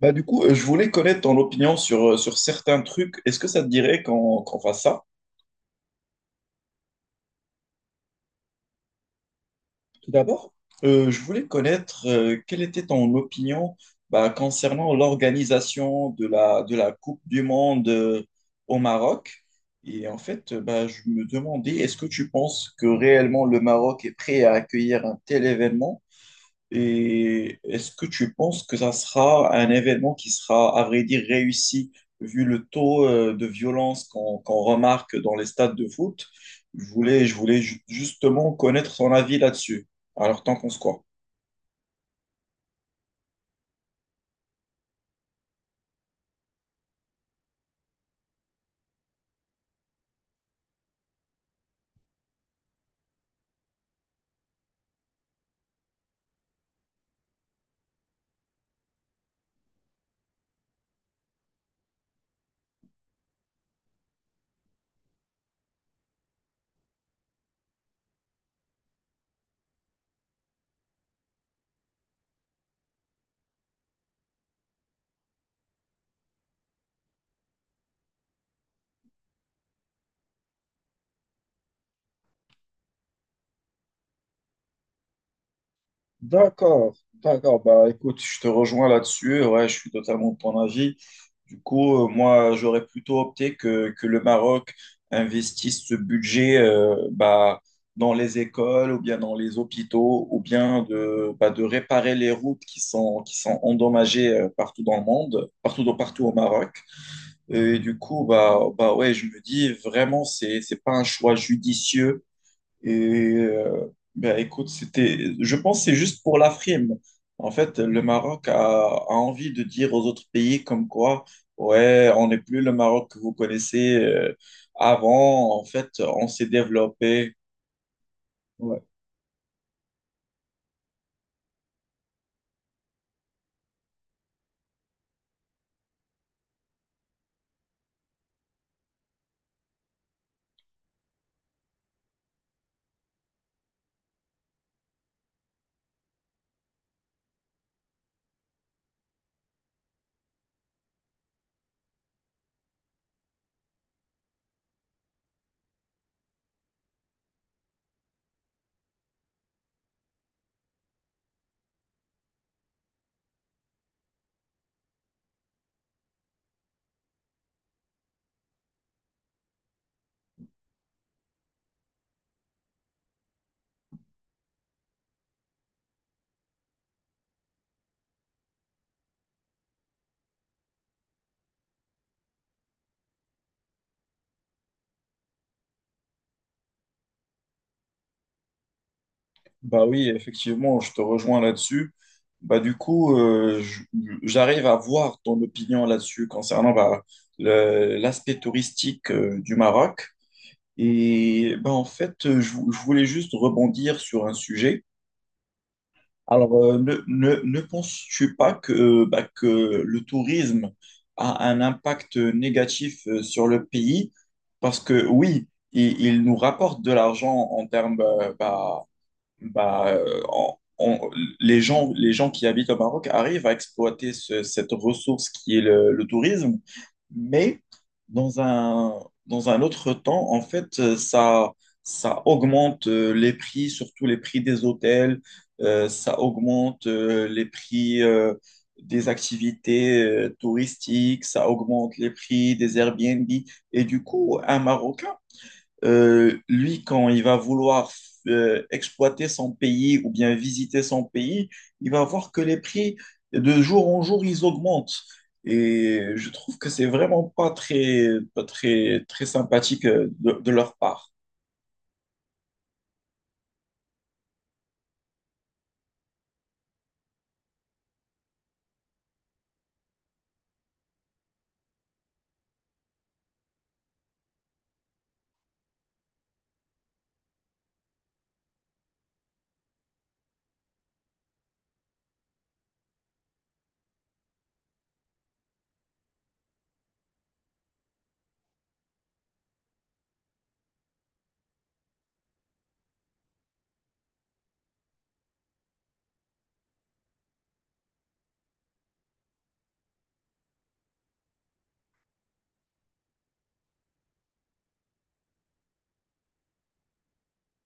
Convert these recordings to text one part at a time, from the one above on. Je voulais connaître ton opinion sur, sur certains trucs. Est-ce que ça te dirait qu'on fasse ça? Tout d'abord, je voulais connaître quelle était ton opinion concernant l'organisation de la Coupe du Monde au Maroc. Et en fait, je me demandais, est-ce que tu penses que réellement le Maroc est prêt à accueillir un tel événement? Et est-ce que tu penses que ça sera un événement qui sera, à vrai dire, réussi vu le taux de violence qu'on remarque dans les stades de foot? Justement connaître son avis là-dessus. Alors, tant qu'on se croit. D'accord, d'accord. Bah écoute, je te rejoins là-dessus. Ouais, je suis totalement de ton avis. Du coup, moi, j'aurais plutôt opté que le Maroc investisse ce budget dans les écoles ou bien dans les hôpitaux ou bien de réparer les routes qui sont endommagées partout dans le monde, partout au Maroc. Et du coup, ouais, je me dis vraiment, c'est pas un choix judicieux et euh, écoute, c'était, je pense que c'est juste pour la frime. En fait, a envie de dire aux autres pays comme quoi, ouais, on n'est plus le Maroc que vous connaissez avant. En fait, on s'est développé. Ouais. Bah oui, effectivement, je te rejoins là-dessus. Bah du coup, euh, je- J'arrive à voir ton opinion là-dessus concernant bah, l'aspect touristique du Maroc. Et ben, en fait, je voulais juste rebondir sur un sujet. Alors, ne penses-tu pas que, bah, que le tourisme a un impact négatif sur le pays? Parce que oui, il nous rapporte de l'argent en termes bah, euh, en- on- les gens qui habitent au Maroc arrivent à exploiter cette ressource qui est le tourisme, mais dans un, dans un autre temps, en fait, ça augmente les prix, surtout les prix des hôtels, ça augmente les prix des activités touristiques, ça augmente les prix des Airbnb. Et du coup, un Marocain, lui, quand il va vouloir exploiter son pays ou bien visiter son pays, il va voir que les prix, de jour en jour, ils augmentent. Et je trouve que c'est vraiment pas très, très sympathique de leur part.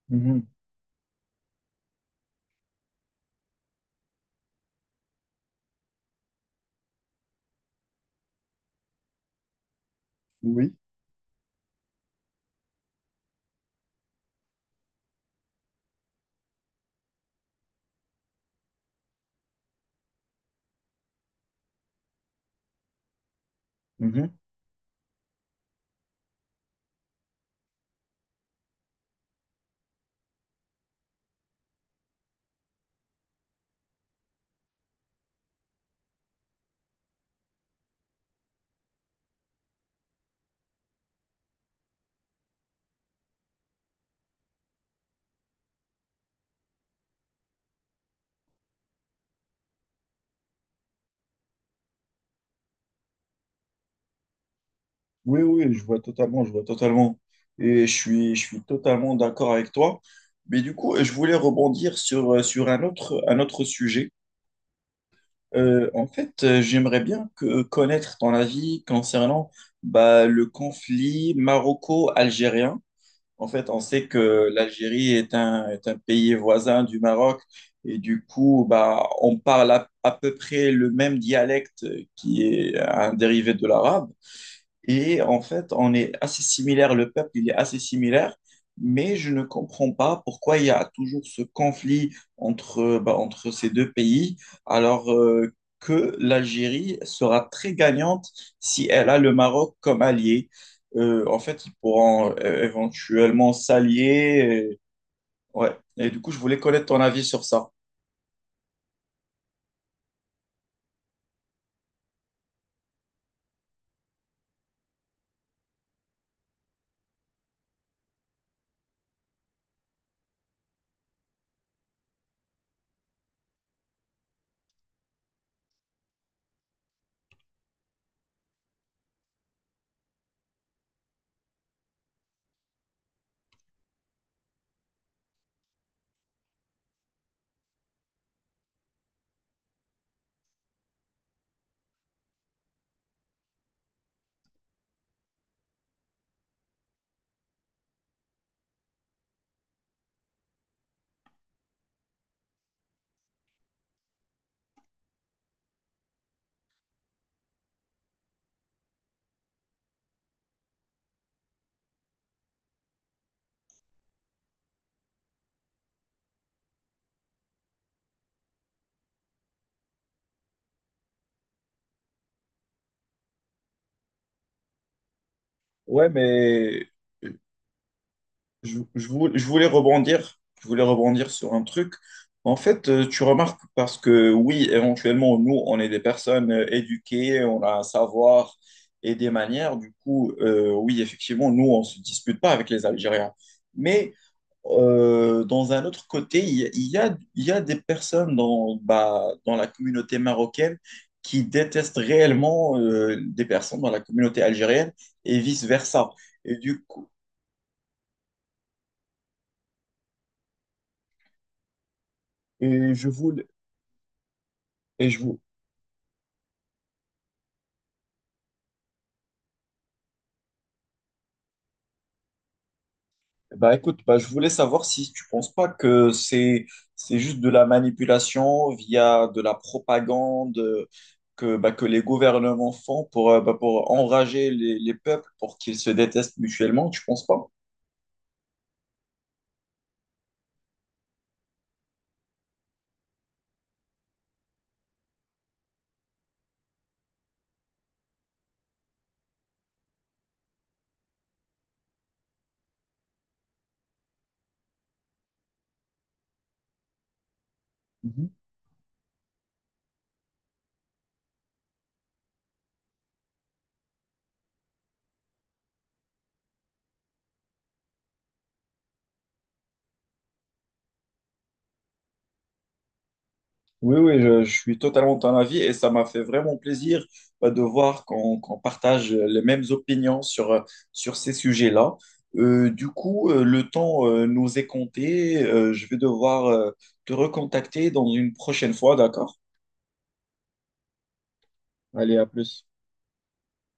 Mhm. Oui. Mhm. Oui, oui, je vois totalement. Et je suis totalement d'accord avec toi. Mais du coup, je voulais rebondir sur un autre sujet. J'aimerais bien que, connaître ton avis concernant bah, le conflit maroco-algérien. En fait, on sait que est un pays voisin du Maroc. Et du coup, bah, on parle à peu près le même dialecte qui est un dérivé de l'arabe. Et en fait, on est assez similaire, le peuple, il est assez similaire, mais je ne comprends pas pourquoi il y a toujours ce conflit entre, bah, entre ces deux pays, alors que l'Algérie sera très gagnante si elle a le Maroc comme allié. En fait, ils pourront éventuellement s'allier. Euh, ouais. Et du coup, je voulais connaître ton avis sur ça. Ouais, mais je voulais rebondir sur un truc. En fait, tu remarques parce que oui, éventuellement, nous, on est des personnes éduquées, on a un savoir et des manières. Du coup, oui, effectivement, nous, on ne se dispute pas avec les Algériens. Mais dans un autre côté, il y a des personnes dans, bah, dans la communauté marocaine qui détestent réellement des personnes dans la communauté algérienne et vice-versa. Et du coup, et je voulais- Et je vous, Bah écoute, bah je voulais savoir si tu penses pas que c'est juste de la manipulation via de la propagande que bah, que les gouvernements font pour pour enrager les peuples pour qu'ils se détestent mutuellement. Tu penses pas? Mhm. Oui, oui, je suis totalement de ton avis et ça m'a fait vraiment plaisir bah, de voir qu'on partage les mêmes opinions sur ces sujets-là. Le temps nous est compté. Je vais devoir te recontacter dans une prochaine fois, d'accord? Allez, à plus.